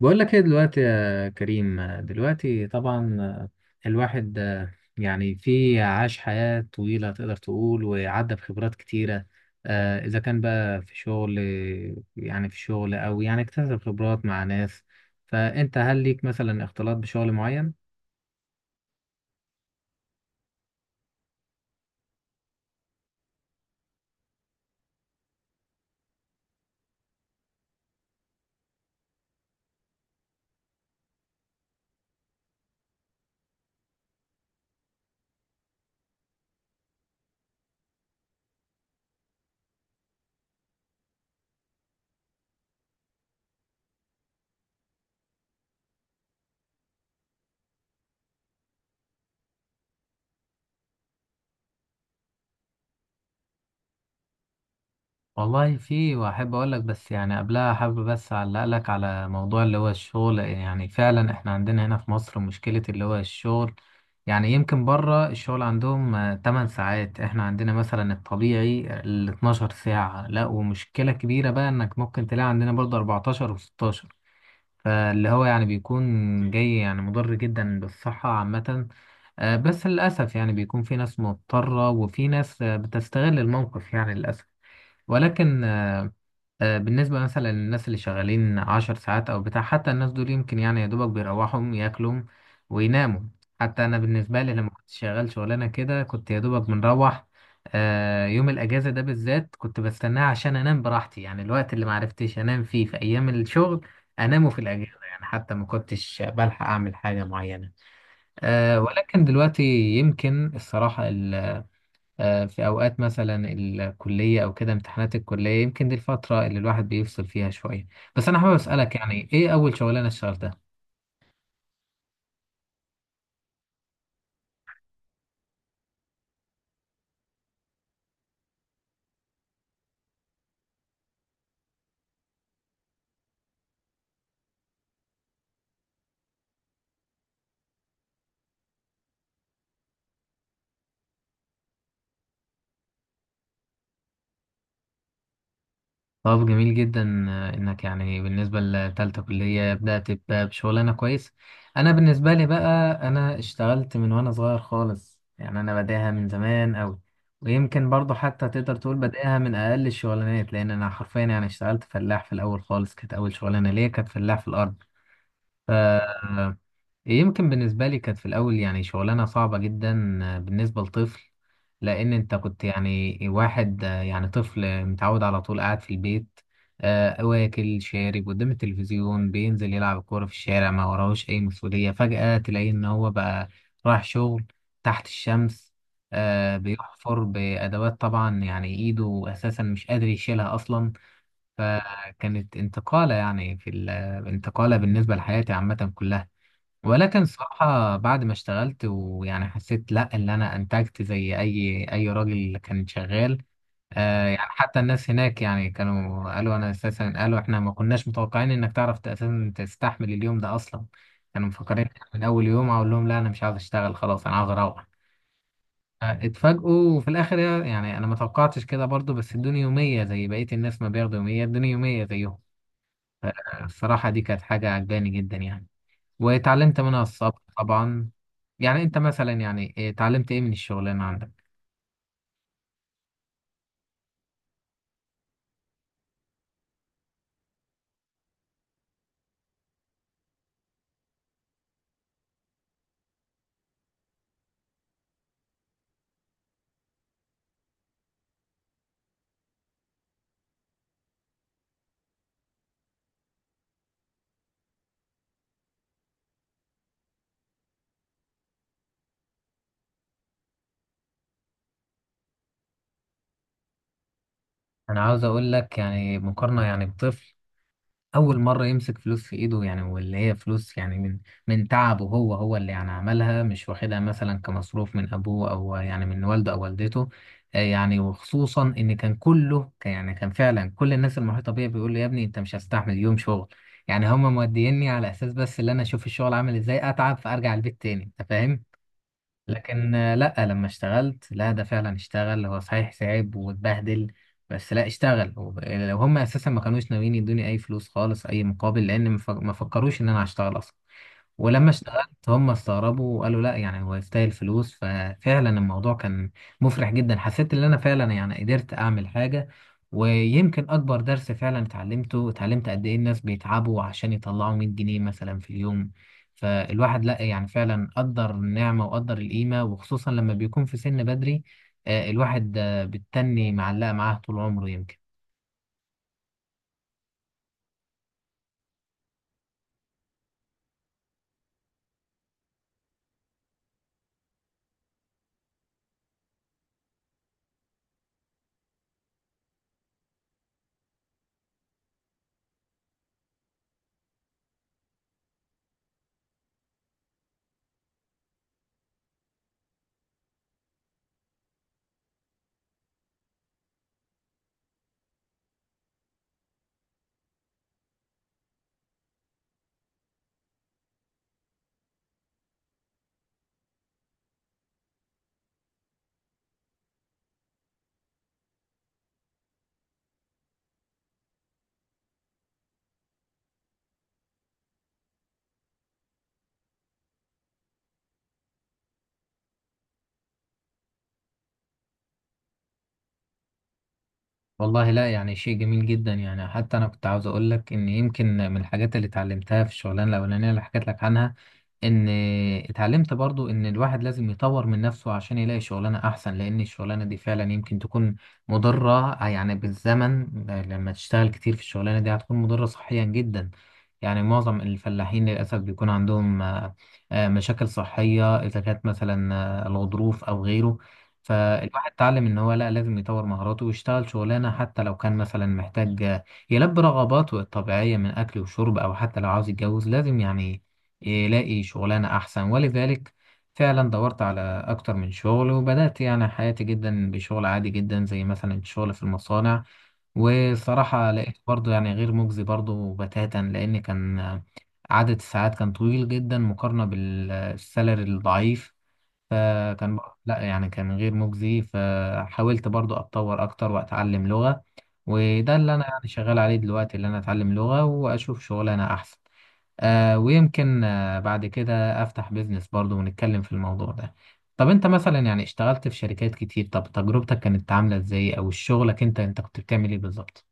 بقول لك ايه دلوقتي يا كريم. دلوقتي طبعا الواحد يعني في عاش حياة طويلة تقدر تقول وعدى بخبرات كتيرة. إذا كان بقى في شغل، يعني في شغل أو يعني اكتسب خبرات مع ناس، فأنت هل ليك مثلا اختلاط بشغل معين؟ والله في، واحب اقول لك، بس يعني قبلها حابب بس اعلق لك على موضوع اللي هو الشغل. يعني فعلا احنا عندنا هنا في مصر مشكلة اللي هو الشغل. يعني يمكن بره الشغل عندهم 8 ساعات، احنا عندنا مثلا الطبيعي ال 12 ساعة، لا ومشكلة كبيرة بقى انك ممكن تلاقي عندنا برضه 14 و16. فاللي هو يعني بيكون جاي يعني مضر جدا بالصحة عامة. بس للأسف يعني بيكون في ناس مضطرة وفي ناس بتستغل الموقف يعني للأسف. ولكن بالنسبة مثلا للناس اللي شغالين 10 ساعات أو بتاع، حتى الناس دول يمكن يعني يا دوبك بيروحوا ياكلوا ويناموا. حتى أنا بالنسبة لي لما كنت شغال شغلانة كده كنت يا دوبك بنروح. يوم الأجازة ده بالذات كنت بستناه عشان أنام براحتي، يعني الوقت اللي معرفتش أنام فيه في أيام الشغل أنامه في الأجازة. يعني حتى ما كنتش بلحق أعمل حاجة معينة. ولكن دلوقتي يمكن الصراحة في أوقات مثلا الكلية أو كده امتحانات الكلية، يمكن دي الفترة اللي الواحد بيفصل فيها شوية. بس أنا حابب أسألك، يعني إيه أول شغلانة اشتغلتها؟ طب جميل جدا إنك يعني بالنسبة لتالتة كلية بدأت بشغلانة كويس. أنا بالنسبة لي بقى أنا اشتغلت من وأنا صغير خالص، يعني أنا بداها من زمان أوي. ويمكن برضه حتى تقدر تقول بداها من أقل الشغلانات، لأن أنا حرفيا يعني اشتغلت فلاح في الأول خالص. كانت أول شغلانة ليا كانت فلاح في الأرض. يمكن بالنسبة لي كانت في الأول يعني شغلانة صعبة جدا بالنسبة لطفل، لأن أنت كنت يعني واحد يعني طفل متعود على طول قاعد في البيت، واكل شارب قدام التلفزيون، بينزل يلعب كورة في الشارع، ما وراهوش أي مسؤولية. فجأة تلاقيه إن هو بقى رايح شغل تحت الشمس، بيحفر بأدوات، طبعا يعني إيده أساسا مش قادر يشيلها أصلا. فكانت انتقالة، يعني في الانتقالة بالنسبة لحياتي عامة كلها. ولكن الصراحة بعد ما اشتغلت ويعني حسيت، لا اللي انا انتجت زي اي، راجل كان شغال. آه يعني حتى الناس هناك يعني كانوا قالوا انا، اساسا قالوا احنا ما كناش متوقعين انك تعرف اساسا تستحمل اليوم ده اصلا. كانوا مفكرين من اول يوم اقول لهم لا انا مش عاوز اشتغل خلاص انا عاوز اروح. اتفاجئوا في الاخر. يعني انا ما توقعتش كده برضو، بس ادوني يومية زي بقية الناس ما بياخدوا يومية، ادوني يومية زيهم. الصراحة دي كانت حاجة عجباني جدا يعني، واتعلمت منها الصبر طبعا. يعني انت مثلا يعني إيه اتعلمت ايه من الشغلانه عندك؟ انا عاوز اقول لك يعني مقارنه يعني بطفل اول مره يمسك فلوس في ايده، يعني واللي هي فلوس يعني من من تعبه هو، هو اللي يعني عملها، مش واخدها مثلا كمصروف من ابوه او يعني من والده او والدته. يعني وخصوصا ان كان كله يعني كان فعلا كل الناس المحيطه بيا بيقول لي يا ابني انت مش هستحمل يوم شغل. يعني هم موديني على اساس بس اللي انا اشوف الشغل عامل ازاي، اتعب فارجع البيت تاني. انت فاهم؟ لكن لا لما اشتغلت، لا ده فعلا اشتغل. هو صحيح تعب واتبهدل، بس لا اشتغل. لو هم اساسا ما كانوش ناويين يدوني اي فلوس خالص اي مقابل، لان ما فكروش ان انا هشتغل اصلا. ولما اشتغلت هم استغربوا وقالوا لا يعني هو يستاهل فلوس. ففعلا الموضوع كان مفرح جدا. حسيت ان انا فعلا يعني قدرت اعمل حاجة. ويمكن اكبر درس فعلا اتعلمته، اتعلمت قد ايه الناس بيتعبوا عشان يطلعوا 100 جنيه مثلا في اليوم. فالواحد لا، يعني فعلا قدر النعمة وقدر القيمة، وخصوصا لما بيكون في سن بدري. الواحد بتتني معلقة معاه طول عمره يمكن. والله لا، يعني شيء جميل جدا. يعني حتى انا كنت عاوز اقول لك ان يمكن من الحاجات اللي اتعلمتها في الشغلانه الاولانيه اللي حكيت لك عنها، ان اتعلمت برضو ان الواحد لازم يطور من نفسه عشان يلاقي شغلانه احسن. لان الشغلانه دي فعلا يمكن تكون مضره يعني بالزمن. لما تشتغل كتير في الشغلانه دي هتكون مضره صحيا جدا. يعني معظم الفلاحين للاسف بيكون عندهم مشاكل صحيه، اذا كانت مثلا الغضروف او غيره. فالواحد اتعلم ان هو لا، لازم يطور مهاراته ويشتغل شغلانه. حتى لو كان مثلا محتاج يلبي رغباته الطبيعيه من اكل وشرب، او حتى لو عاوز يتجوز، لازم يعني يلاقي شغلانه احسن. ولذلك فعلا دورت على اكتر من شغل، وبدات يعني حياتي جدا بشغل عادي جدا زي مثلا الشغل في المصانع. والصراحه لقيت برضه يعني غير مجزي برضه بتاتا، لان كان عدد الساعات كان طويل جدا مقارنه بالسالري الضعيف. لا يعني كان غير مجزي. فحاولت برضو اتطور اكتر واتعلم لغة، وده اللي انا يعني شغال عليه دلوقتي، اللي انا اتعلم لغة واشوف شغلانة احسن. آه، ويمكن آه بعد كده افتح بيزنس برضو ونتكلم في الموضوع ده. طب انت مثلا يعني اشتغلت في شركات كتير، طب تجربتك كانت عاملة ازاي؟ او شغلك انت كنت بتعمل ايه بالظبط؟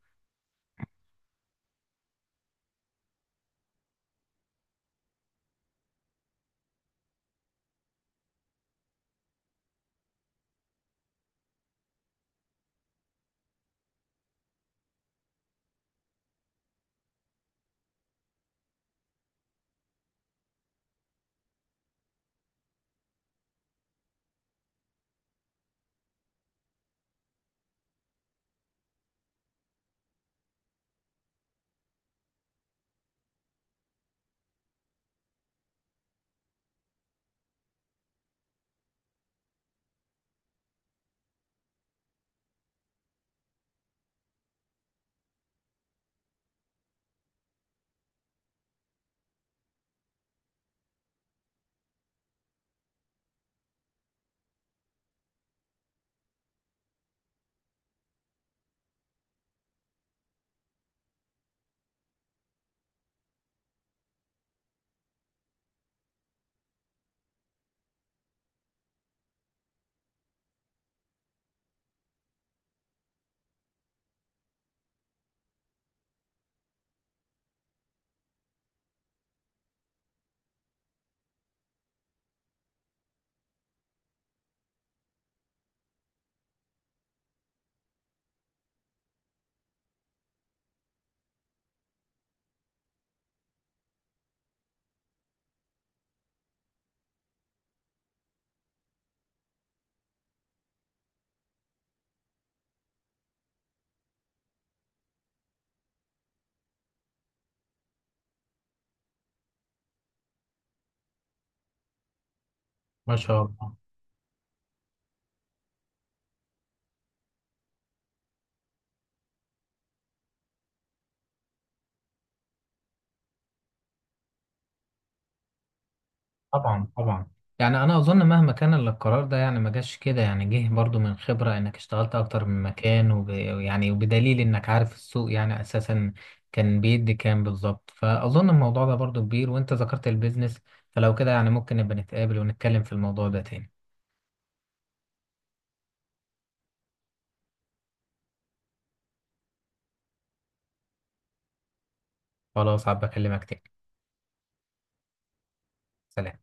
ما شاء الله. طبعا، طبعا. يعني انا اظن مهما كان القرار ده يعني ما جاش كده، يعني جه برضو من خبرة انك اشتغلت اكتر من مكان، يعني وبدليل انك عارف السوق يعني اساسا كان بيدي كام بالظبط. فاظن الموضوع ده برضو كبير، وانت ذكرت البيزنس، فلو كده يعني ممكن نبقى نتقابل ونتكلم في الموضوع ده تاني. خلاص، عب اكلمك تاني. سلام.